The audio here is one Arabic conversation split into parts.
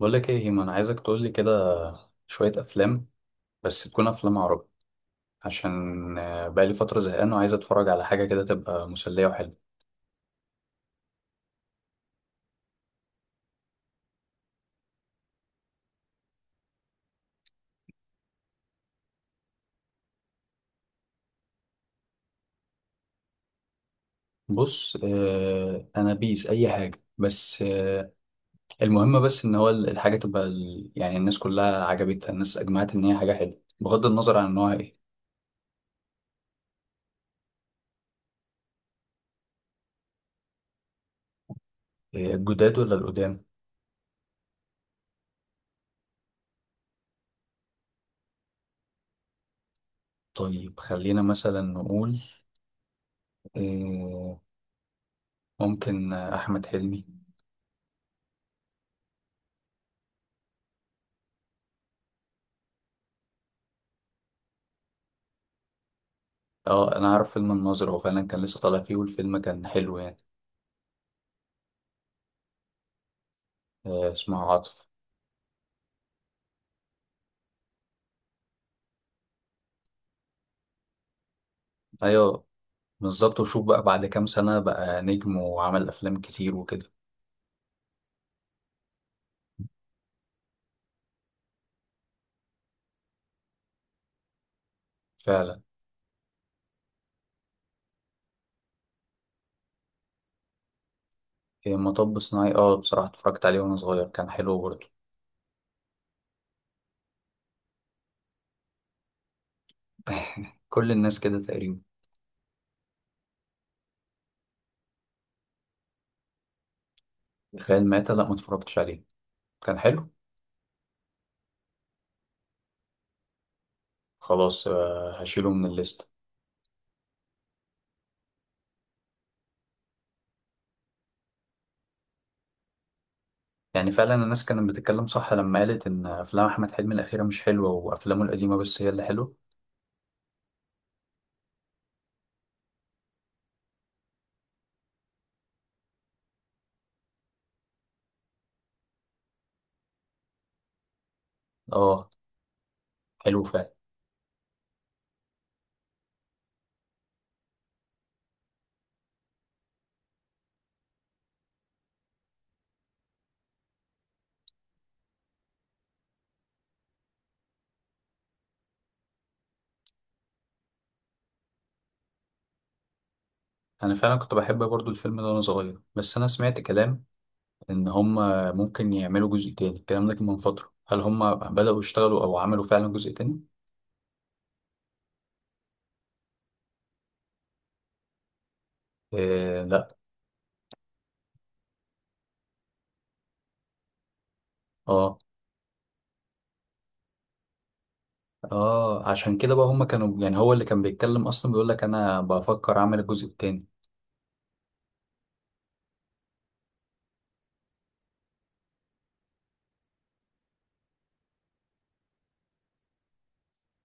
بقول لك ايه يا هيما، انا عايزك تقول لي كده شويه افلام، بس تكون افلام عربي عشان بقالي فتره زهقان وعايز اتفرج على حاجه كده تبقى مسليه وحلوه. بص انا بيس اي حاجه، بس المهم بس ان هو الحاجه تبقى يعني الناس كلها عجبتها، الناس اجمعت ان هي حاجه حلوه بغض النظر عن نوعها ايه. الجداد ولا القدام؟ طيب خلينا مثلا نقول آه، ممكن احمد حلمي. اه انا عارف فيلم الناظر، هو فعلا كان لسه طالع فيه، والفيلم كان حلو يعني. اسمها عاطف. ايوه بالظبط، وشوف بقى بعد كام سنة بقى نجم وعمل افلام كتير وكده. فعلا. إيه، مطب صناعي، اه بصراحة اتفرجت عليه وانا صغير، كان حلو برضه. كل الناس كده تقريبا. خيال مآتة، لا ما اتفرجتش عليه، كان حلو. خلاص هشيله من الليست. يعني فعلا الناس كانت بتتكلم صح لما قالت ان افلام احمد حلمي الاخيرة مش حلوة، وافلامه القديمة بس هي اللي حلوة. اه حلو فعلا. انا فعلا كنت بحب برضه الفيلم ده وانا صغير، بس انا سمعت كلام ان هم ممكن يعملوا جزء تاني. الكلام ده كان من فترة، هل هم بدأوا يشتغلوا او عملوا فعلا جزء تاني؟ إيه لا. اه. اه عشان كده بقى هم كانوا يعني، هو اللي كان بيتكلم اصلا بيقول لك انا بفكر اعمل الجزء التاني.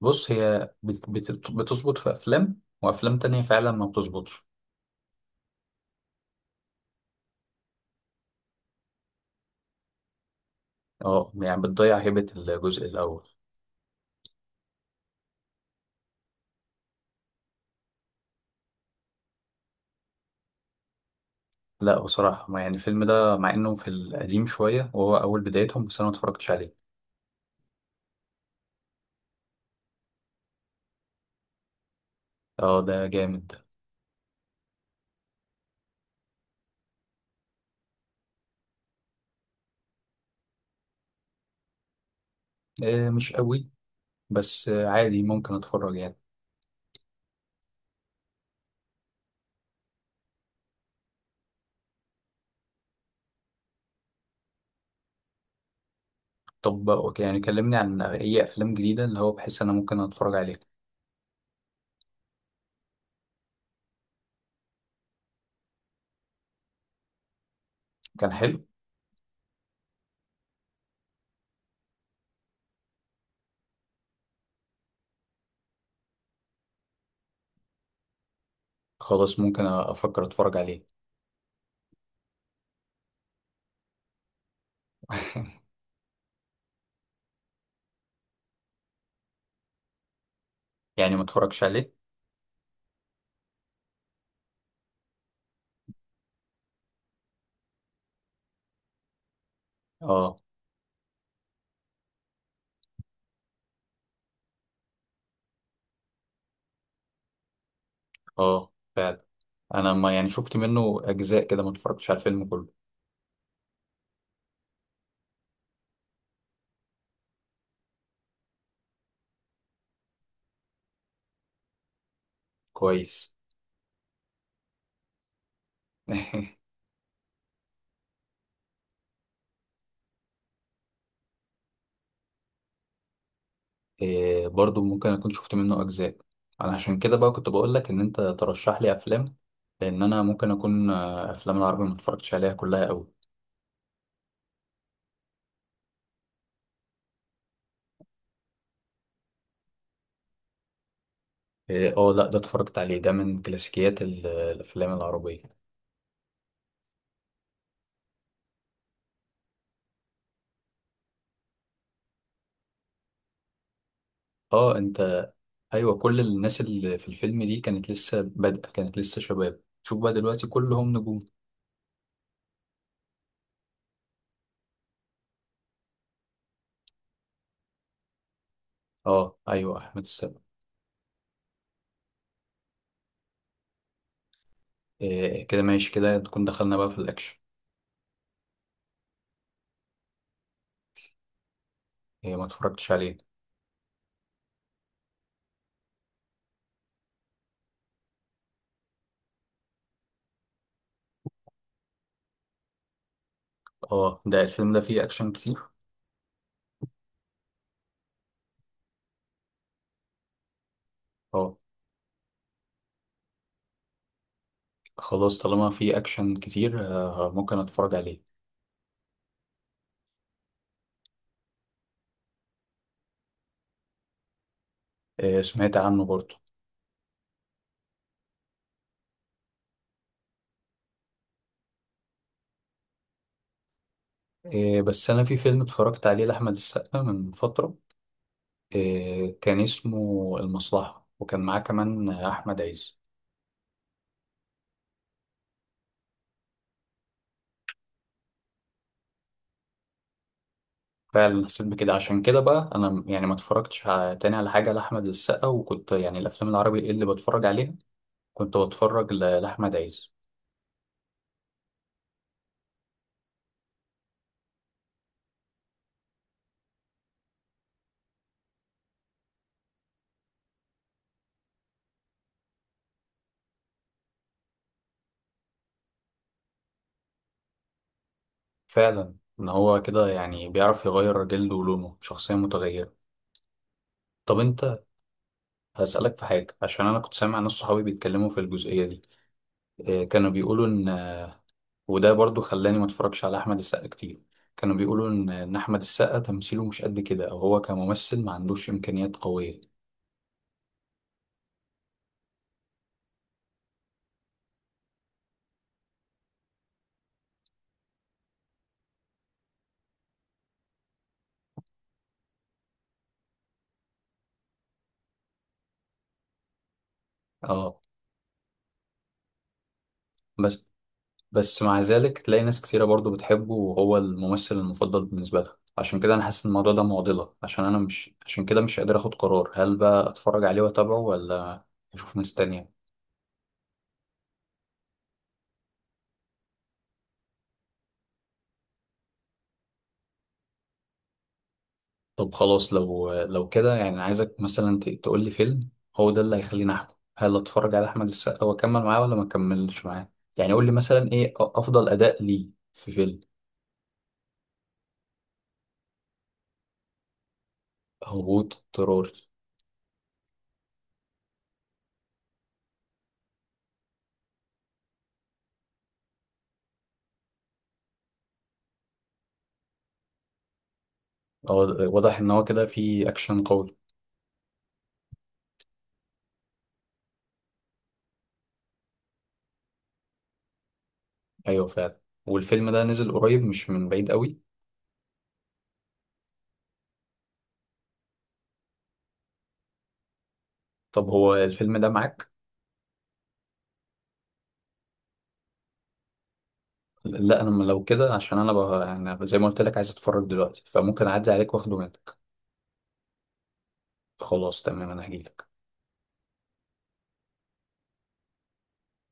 بص هي بت بت بتظبط في افلام، وافلام تانية فعلا ما بتظبطش. اه يعني بتضيع هيبة الجزء الاول. لا بصراحة ما يعني، الفيلم ده مع انه في القديم شوية وهو اول بدايتهم، بس انا ما اتفرجتش عليه. اه ده جامد. آه مش قوي، بس آه عادي ممكن اتفرج يعني. طب أوكي، يعني كلمني عن اي افلام جديده اللي هو بحس انا ممكن اتفرج عليه. كان حلو. خلاص ممكن افكر اتفرج عليه. يعني ما اتفرجش عليه. اه. اه فعلا، انا ما يعني شفت منه اجزاء كده، ما اتفرجتش على الفيلم كله. كويس. إيه برضو ممكن اكون شفت منه اجزاء. انا عشان كده بقى كنت بقول لك ان انت ترشح لي افلام، لان انا ممكن اكون افلام العربي ما اتفرجتش عليها كلها قوي. إيه، اه لا ده اتفرجت عليه، ده من كلاسيكيات الافلام العربيه. اه انت، ايوه كل الناس اللي في الفيلم دي كانت لسه بادئه، كانت لسه شباب، شوف بقى دلوقتي كلهم نجوم. اه ايوه احمد السقا. إيه كده ماشي، كده تكون دخلنا بقى في الاكشن. إيه ما اتفرجتش عليه. اه ده الفيلم ده فيه اكشن كتير. اه خلاص طالما فيه اكشن كتير آه ممكن اتفرج عليه. إيه سمعت عنه برضه. إيه بس انا في فيلم اتفرجت عليه لاحمد السقا من فتره، إيه كان اسمه المصلحه، وكان معاه كمان احمد عز. فعلا حسيت بكده، عشان كده بقى انا يعني ما اتفرجتش تاني على حاجه لاحمد السقا، وكنت يعني الافلام العربي إيه اللي بتفرج عليها، كنت بتفرج لاحمد عز. فعلا ان هو كده يعني بيعرف يغير جلده ولونه، شخصيه متغيره. طب انت هسألك في حاجة، عشان أنا كنت سامع ناس صحابي بيتكلموا في الجزئية دي، إيه، كانوا بيقولوا إن، وده برضو خلاني ما اتفرجش على أحمد السقا كتير، كانوا بيقولوا إن أحمد السقا تمثيله مش قد كده، أو هو كممثل ما عندوش إمكانيات قوية. اه. بس، بس مع ذلك تلاقي ناس كتيرة برضو بتحبه، وهو الممثل المفضل بالنسبة لها، عشان كده أنا حاسس إن الموضوع ده معضلة، عشان أنا مش عشان كده مش قادر آخد قرار، هل بقى أتفرج عليه وأتابعه ولا أشوف ناس تانية. طب خلاص لو كده يعني، أنا عايزك مثلا تقولي فيلم، هو ده اللي هيخليني أحكم هل أتفرج على أحمد السقا وأكمل معاه ولا ما أكملش معاه. يعني قولي مثلا إيه أفضل أداء ليه في فيلم. هبوط اضطراري؟ أه، واضح إن هو كده فيه أكشن قوي. أيوه فعلا. والفيلم ده نزل قريب مش من بعيد قوي. طب هو الفيلم ده معاك؟ لا انا لو كده عشان انا بقى يعني زي ما قلت لك عايز اتفرج دلوقتي، فممكن اعدي عليك واخده منك. خلاص تمام انا هجيلك.